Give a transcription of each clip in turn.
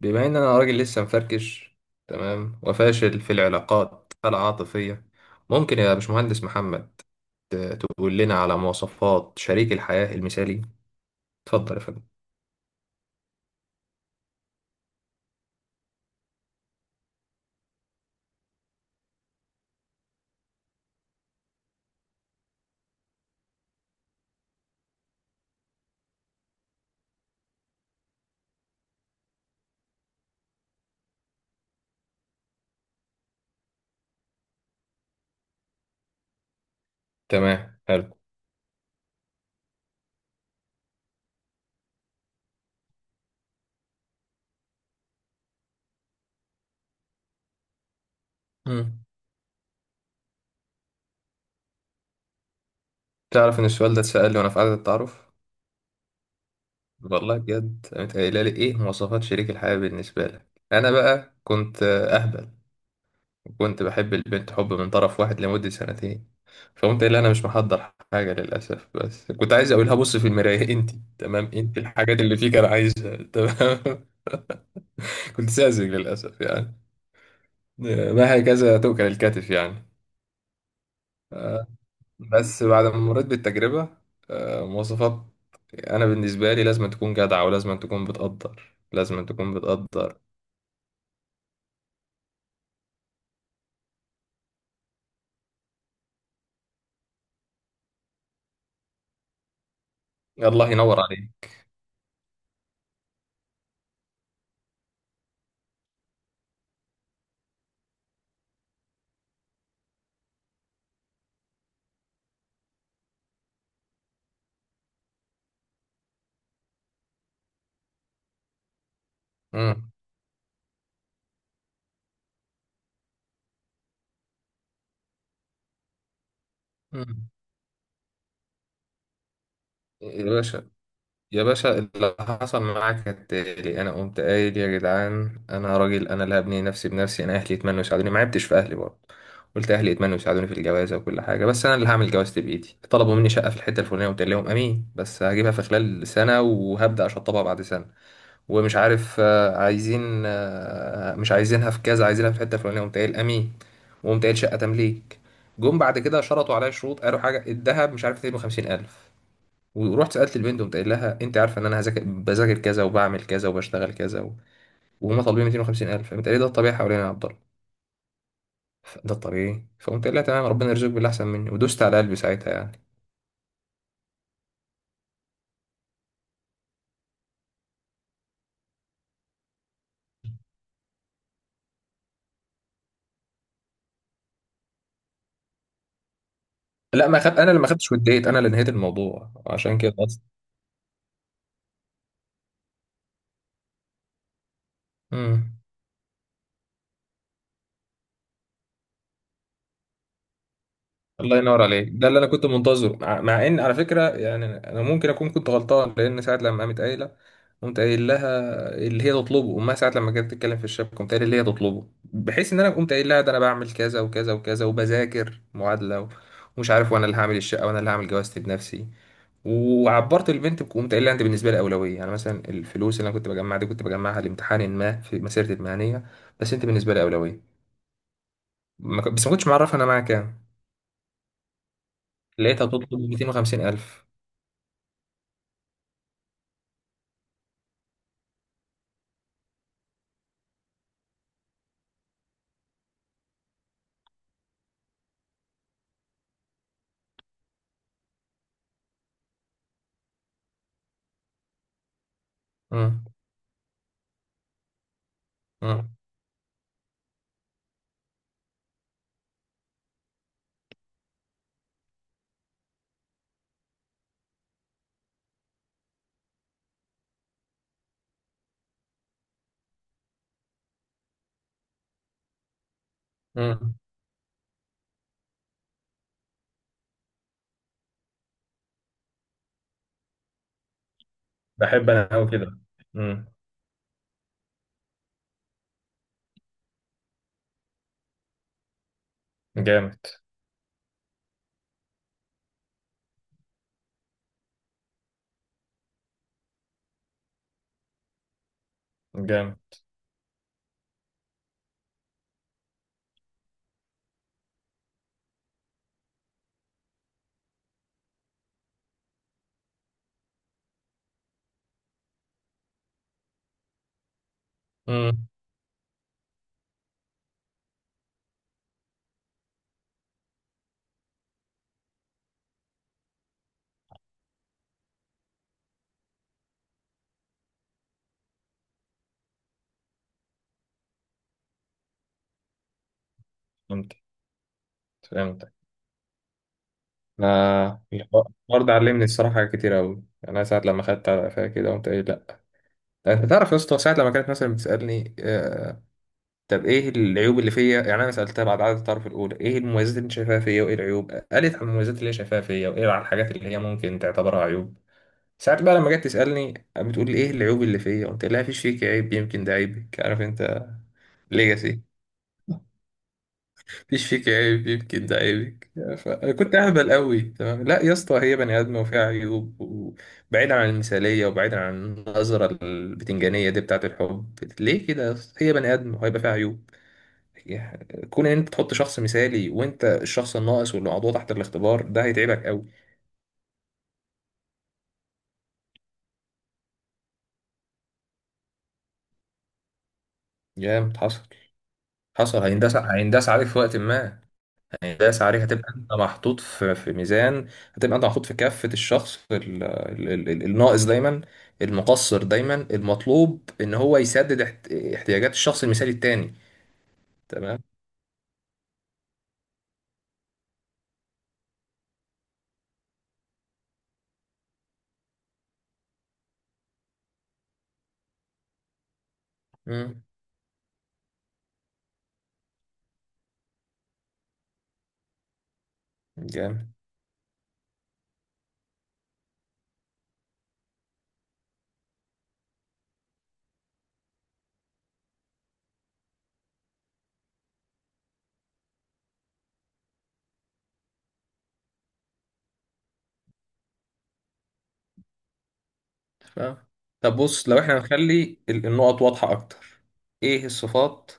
بما ان انا راجل لسه مفركش تمام، وفاشل في العلاقات العاطفية. ممكن يا باشمهندس محمد تقول لنا على مواصفات شريك الحياة المثالي. اتفضل يا فندم. تمام، حلو. مم. تعرف ان السؤال ده اتسأل لي وانا في قعدة التعارف. والله بجد قامت قايله لي ايه مواصفات شريك الحياة بالنسبة لك. انا بقى كنت اهبل. كنت بحب البنت حب من طرف واحد لمدة سنتين. فقمت قايل لها أنا مش محضر حاجة للأسف، بس كنت عايز أقولها بص في المراية أنت تمام. أنت الحاجات اللي فيك أنا عايزها تمام. كنت ساذج للأسف يعني، ما هكذا تؤكل الكتف يعني. بس بعد ما مريت بالتجربة، مواصفات. أنا بالنسبة لي لازم تكون جدعة، ولازم تكون بتقدر لازم تكون بتقدر. الله ينور عليك. مم. مم. يا باشا، يا باشا اللي حصل معاك كالتالي: انا قمت قايل يا جدعان انا راجل، انا اللي هبني نفسي بنفسي، انا اهلي يتمنوا يساعدوني، ما عبتش في اهلي برضه. قلت اهلي يتمنوا يساعدوني في الجوازه وكل حاجه، بس انا اللي هعمل جوازتي بايدي. طلبوا مني شقه في الحته الفلانيه، قلت لهم امين، بس هجيبها في خلال سنه وهبدا اشطبها بعد سنه. ومش عارف عايزين مش عايزينها في كذا، عايزينها في الحته الفلانيه، قمت قايل امين. وقمت قايل شقه تمليك. جم بعد كده شرطوا عليا شروط، قالوا حاجه الذهب مش عارف 250 الف. ورحت سالت البنت وقمت قايل لها انت عارفه ان انا هذاكر بذاكر كذا وبعمل كذا وبشتغل كذا وهم طالبين 250,000. فقمت قايل لي ده الطبيعي حوالينا يا عبد الله. ده الطبيعي. فقمت قايل لها تمام، ربنا يرزقك باللي احسن مني، ودوست على قلبي ساعتها يعني. لا ما خد... انا اللي ما خدتش وديت، انا اللي نهيت الموضوع عشان كده اصلا. مم. الله ينور عليك، ده اللي انا كنت منتظره. مع ان على فكره يعني انا ممكن اكون كنت غلطان، لان ساعه لما قامت قايله قمت قايل لها اللي هي تطلبه امها ساعه لما جت تتكلم في الشبكه، قمت قايل اللي هي تطلبه، بحيث ان انا قمت قايل لها ده انا بعمل كذا وكذا وكذا وبذاكر معادله ومش عارف، وانا اللي هعمل الشقه وانا اللي هعمل جوازتي بنفسي. وعبرت البنت قمت قايل لها انت بالنسبه لي اولويه، يعني مثلا الفلوس اللي انا كنت بجمعها دي كنت بجمعها لامتحان ما في مسيرتي المهنيه، بس انت بالنسبه لي اولويه. ما ك- بس ما كنتش معرفها انا معاك كام. لقيتها بتطلب 250,000. مم. مم. مم. بحب انا قوي كده. مم. جامد. جامد. مم. فهمت، فهمت. انا الحوار ده علمني الصراحه حاجات كتير قوي. انا ساعه لما خدت على قفايا كده قمت قايل لا، انت تعرف يا اسطى ساعه لما كانت مثلا بتسالني طب ايه العيوب اللي فيا، يعني انا سالتها بعد عدد التعارف الاولى ايه المميزات اللي أنت شايفاها فيا وايه العيوب، قالت عن المميزات اللي هي شايفاها فيا وايه على الحاجات اللي هي ممكن تعتبرها عيوب. ساعات بقى لما جت تسألني بتقول لي ايه العيوب اللي فيا قلت لها مفيش فيك عيب، يمكن ده عيبك، عارف انت. ليجاسي. مفيش فيك عيب، يمكن ده عيبك. فكنت اهبل قوي تمام. لا يا اسطى، هي بني ادمه وفيها عيوب، وبعيدا عن المثاليه وبعيدا عن النظره البتنجانيه دي بتاعت الحب. ليه كده يا اسطى، هي بني ادم وهيبقى فيها عيوب. يعني كون ان انت تحط شخص مثالي وانت الشخص الناقص واللي موضوع تحت الاختبار، ده هيتعبك قوي. يا حصل. حصل هينداس، هينداس عليك في وقت ما. يعني داس عليك، هتبقى انت محطوط في ميزان. هتبقى انت محطوط في كافة الشخص الناقص دايما، المقصر دايما، المطلوب ان هو يسدد احتياجات الشخص المثالي التاني. تمام. مم. جامد. ف... طب بص، لو احنا هنخلي النقط واضحة اكتر: ايه الصفات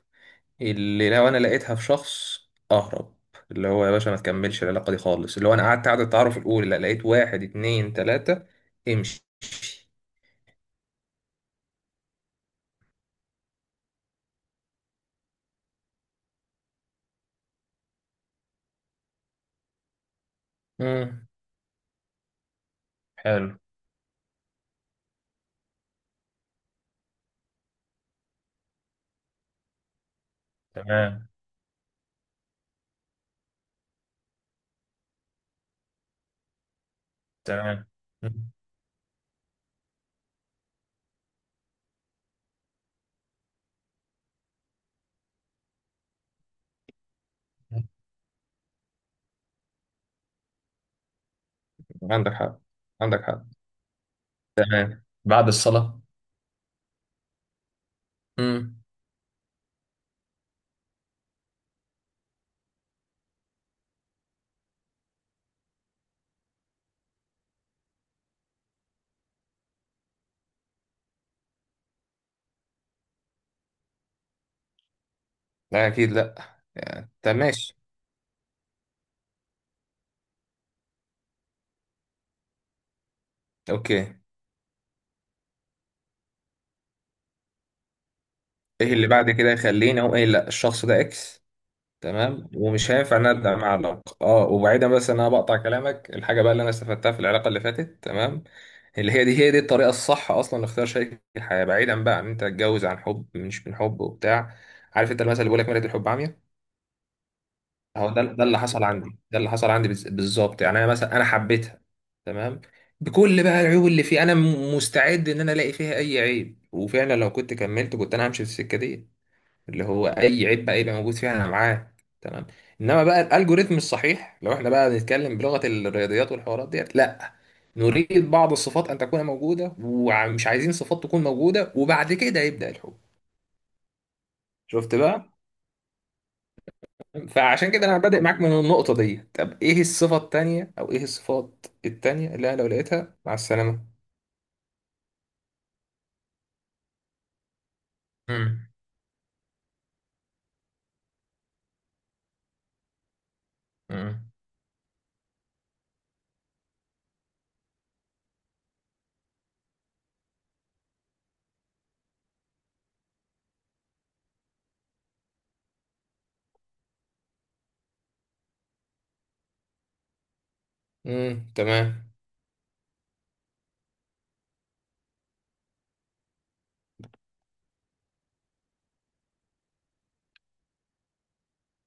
اللي لو انا لقيتها في شخص اهرب؟ اللي هو يا باشا ما تكملش العلاقة دي خالص، اللي هو انا قعدت قعدة التعارف الاولى لا لقيت واحد اتنين تلاتة، امشي. مم. حلو. تمام. تمام. مم. عندك حق، عندك حق. تمام. بعد الصلاة. امم. لا اكيد لا. يعني طب ماشي. اوكي. ايه اللي بعد كده يخليني اقول ايه لا الشخص ده اكس؟ تمام، ومش هينفع ان أنا ابدا مع علاقه اه. وبعيدا، بس ان انا بقطع كلامك، الحاجه بقى اللي انا استفدتها في العلاقه اللي فاتت تمام، اللي هي دي الطريقه الصح اصلا لاختيار شريك الحياه، بعيدا بقى عن ان انت تتجوز عن حب مش من حب وبتاع. عارف انت المثل اللي بيقول لك مرية الحب عمياء؟ هو ده اللي حصل عندي، ده اللي حصل عندي بالظبط. يعني انا مثلا انا حبيتها تمام بكل بقى العيوب اللي فيه، انا مستعد ان انا الاقي فيها اي عيب، وفعلا لو كنت كملت كنت انا همشي في السكه دي، اللي هو اي عيب بقى يبقى موجود فيها انا معاه. تمام. انما بقى الالجوريثم الصحيح، لو احنا بقى بنتكلم بلغه الرياضيات والحوارات ديت، لا، نريد بعض الصفات ان تكون موجوده، ومش عايزين صفات تكون موجوده، وبعد كده يبدا الحب. شفت بقى؟ فعشان كده انا بادئ معاك من النقطة دي. طب ايه الصفة التانية او ايه الصفات التانية اللي انا لو لقيتها مع السلامة؟ امم. امم. امم. تمام.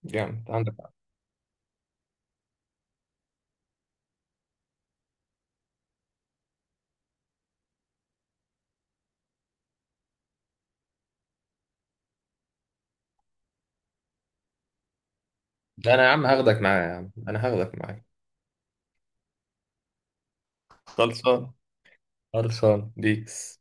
جامد، عندك حق. ده انا يا عم هاخدك معايا، يا عم انا هاخدك معايا. خلصان. خلصان بيس.